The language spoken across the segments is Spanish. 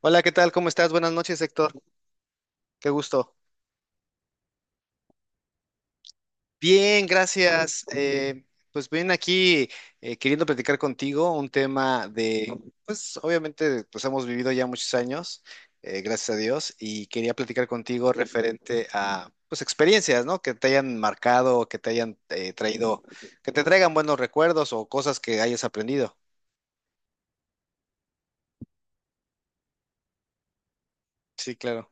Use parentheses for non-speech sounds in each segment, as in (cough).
Hola, ¿qué tal? ¿Cómo estás? Buenas noches, Héctor. Qué gusto. Bien, gracias. Pues bien, aquí queriendo platicar contigo un tema de, pues obviamente, pues hemos vivido ya muchos años, gracias a Dios, y quería platicar contigo referente a, pues, experiencias, ¿no? Que te hayan marcado, que te hayan traído, que te traigan buenos recuerdos o cosas que hayas aprendido. Sí, claro.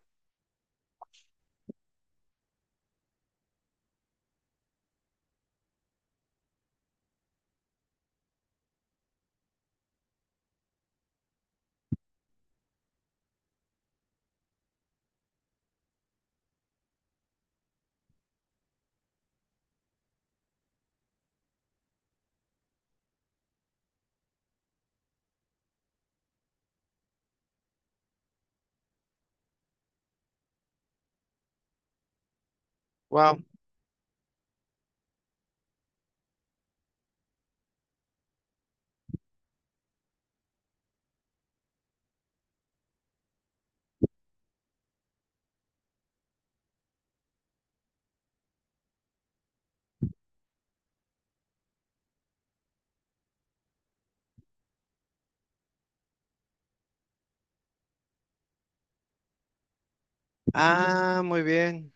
Wow. Ah, muy bien.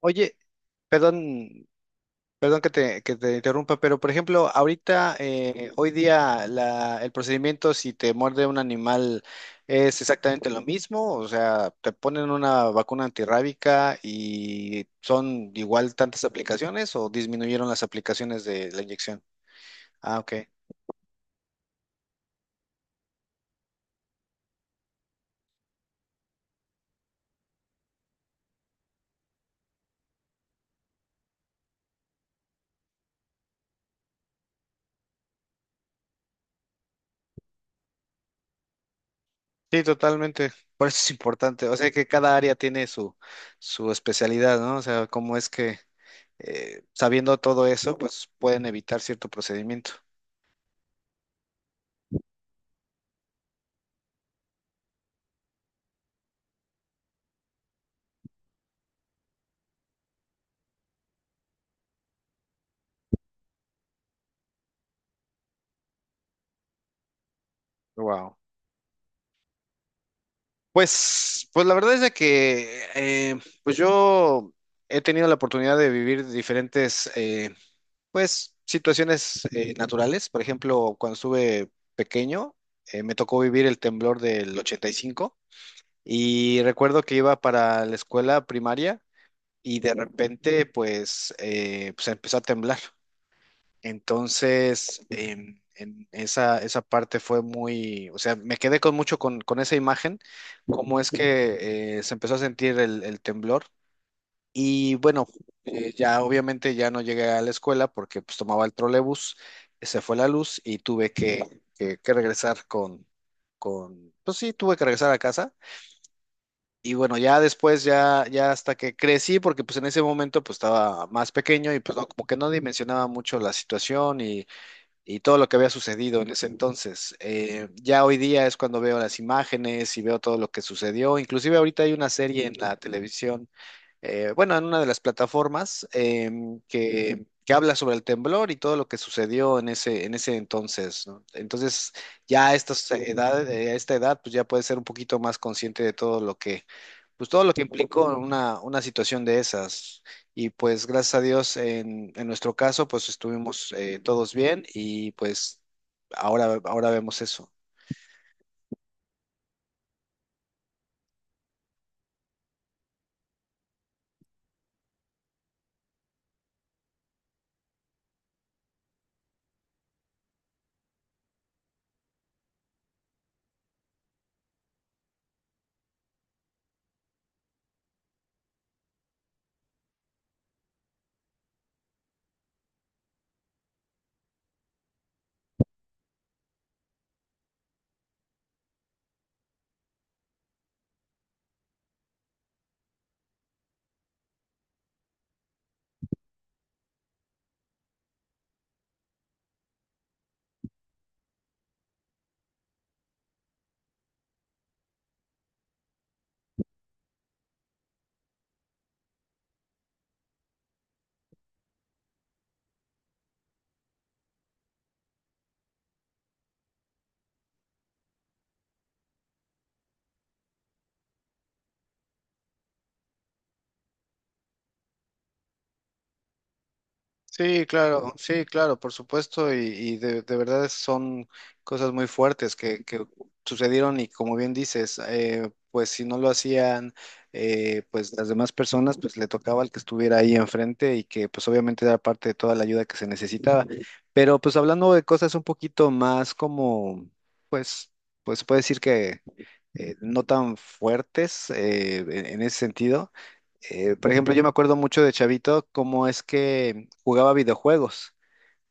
Oye, perdón. Perdón que te interrumpa, pero por ejemplo, ahorita, hoy día, el procedimiento si te muerde un animal es exactamente lo mismo, o sea, te ponen una vacuna antirrábica y son igual tantas aplicaciones o disminuyeron las aplicaciones de la inyección. Ah, ok. Sí, totalmente. Por eso es importante. O sea que cada área tiene su especialidad, ¿no? O sea, cómo es que sabiendo todo eso, pues pueden evitar cierto procedimiento. Wow. Pues la verdad es de que pues yo he tenido la oportunidad de vivir diferentes pues situaciones naturales. Por ejemplo, cuando estuve pequeño, me tocó vivir el temblor del 85 y cinco y recuerdo que iba para la escuela primaria y de repente pues, pues empezó a temblar. Entonces, en esa parte fue muy, o sea, me quedé con mucho con esa imagen, cómo es que se empezó a sentir el temblor. Y bueno, ya obviamente ya no llegué a la escuela porque pues tomaba el trolebús, se fue la luz y tuve que regresar pues sí, tuve que regresar a casa. Y bueno, ya después, ya hasta que crecí, porque pues en ese momento pues estaba más pequeño y pues no, como que no dimensionaba mucho la situación y todo lo que había sucedido en ese entonces. Ya hoy día es cuando veo las imágenes y veo todo lo que sucedió. Inclusive ahorita hay una serie en la televisión bueno, en una de las plataformas que habla sobre el temblor y todo lo que sucedió en en ese entonces, ¿no? Entonces, ya a estas edades, a esta edad, pues ya puedes ser un poquito más consciente de todo lo que, pues todo lo que implicó una situación de esas. Y pues gracias a Dios, en nuestro caso, pues estuvimos todos bien y pues ahora, ahora vemos eso. Sí, claro, sí, claro, por supuesto, y de verdad son cosas muy fuertes que sucedieron y como bien dices, pues si no lo hacían, pues las demás personas, pues le tocaba al que estuviera ahí enfrente y que pues obviamente era parte de toda la ayuda que se necesitaba. Pero pues hablando de cosas un poquito más como, pues, pues se puede decir que no tan fuertes en ese sentido. Por ejemplo, yo me acuerdo mucho de Chavito, cómo es que jugaba videojuegos,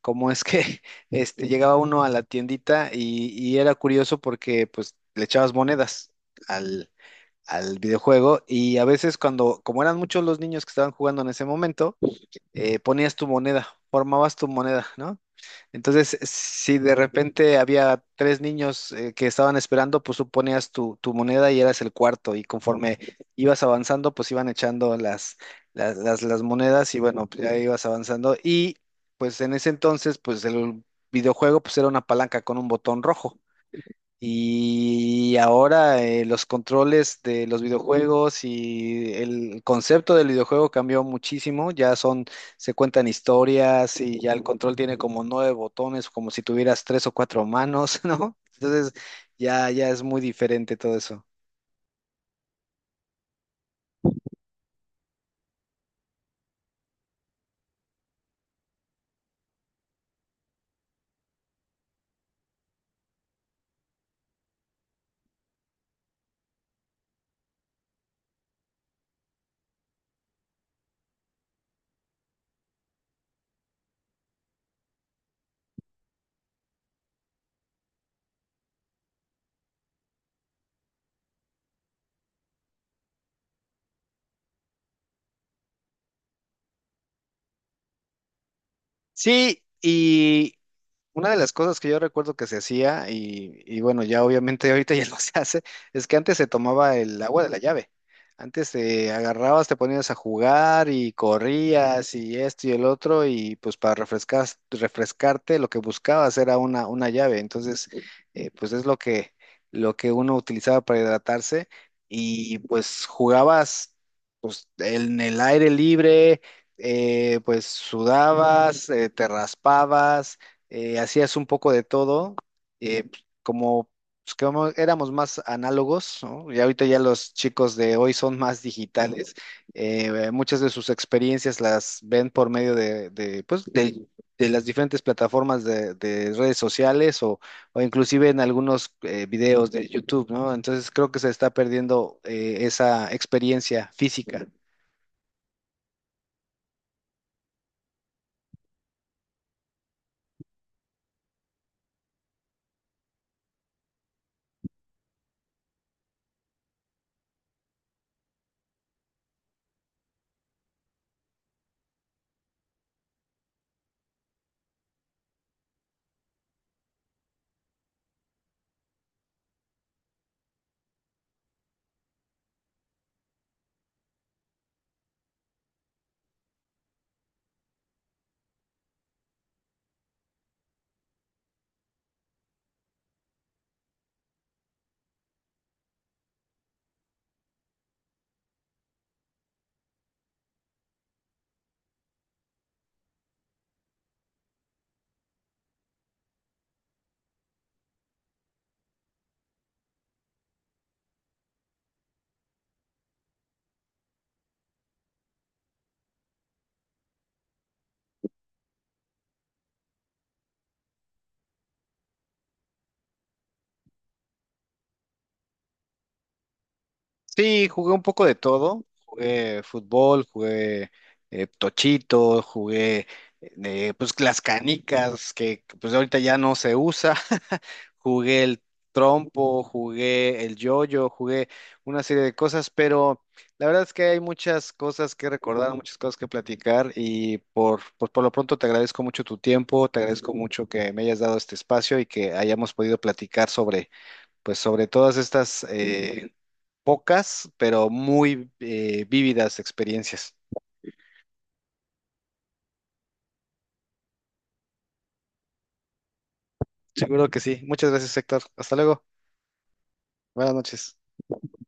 cómo es que (laughs) este, llegaba uno a la tiendita y era curioso porque pues le echabas monedas al, al videojuego y a veces cuando, como eran muchos los niños que estaban jugando en ese momento, ponías tu moneda, formabas tu moneda, ¿no? Entonces, si de repente había tres niños que estaban esperando, pues tú ponías tu moneda y eras el cuarto, y conforme ibas avanzando, pues iban echando las monedas y bueno, pues, ya ibas avanzando. Y pues en ese entonces, pues el videojuego pues era una palanca con un botón rojo. Y ahora los controles de los videojuegos y el concepto del videojuego cambió muchísimo. Ya son, se cuentan historias y ya el control tiene como nueve botones, como si tuvieras tres o cuatro manos, (laughs) ¿no? Entonces ya es muy diferente todo eso. Sí. Una de las cosas que yo recuerdo que se hacía, y bueno, ya obviamente (laughs) ahorita ya no se hace, es que antes se tomaba el agua de la llave. Antes te agarrabas, te ponías a jugar y corrías y esto y el otro, y pues para refrescar, refrescarte lo que buscabas era una llave. Entonces, pues es lo que uno utilizaba para hidratarse y pues jugabas pues, en el aire libre, pues sudabas, te raspabas hacías un poco de todo, eh, pues, como, pues, como éramos más análogos, ¿no? Y ahorita ya los chicos de hoy son más digitales, muchas de sus experiencias las ven por medio de las diferentes plataformas de redes sociales o inclusive en algunos videos de YouTube, ¿no? Entonces creo que se está perdiendo esa experiencia física. Sí, jugué un poco de todo. Jugué fútbol, jugué tochito, jugué pues las canicas que, pues ahorita ya no se usa. (laughs) Jugué el trompo, jugué el yoyo, jugué una serie de cosas, pero la verdad es que hay muchas cosas que recordar, muchas cosas que platicar y por lo pronto te agradezco mucho tu tiempo, te agradezco mucho que me hayas dado este espacio y que hayamos podido platicar sobre, pues sobre todas estas pocas, pero muy vívidas experiencias. Seguro que sí. Muchas gracias, Héctor. Hasta luego. Buenas noches.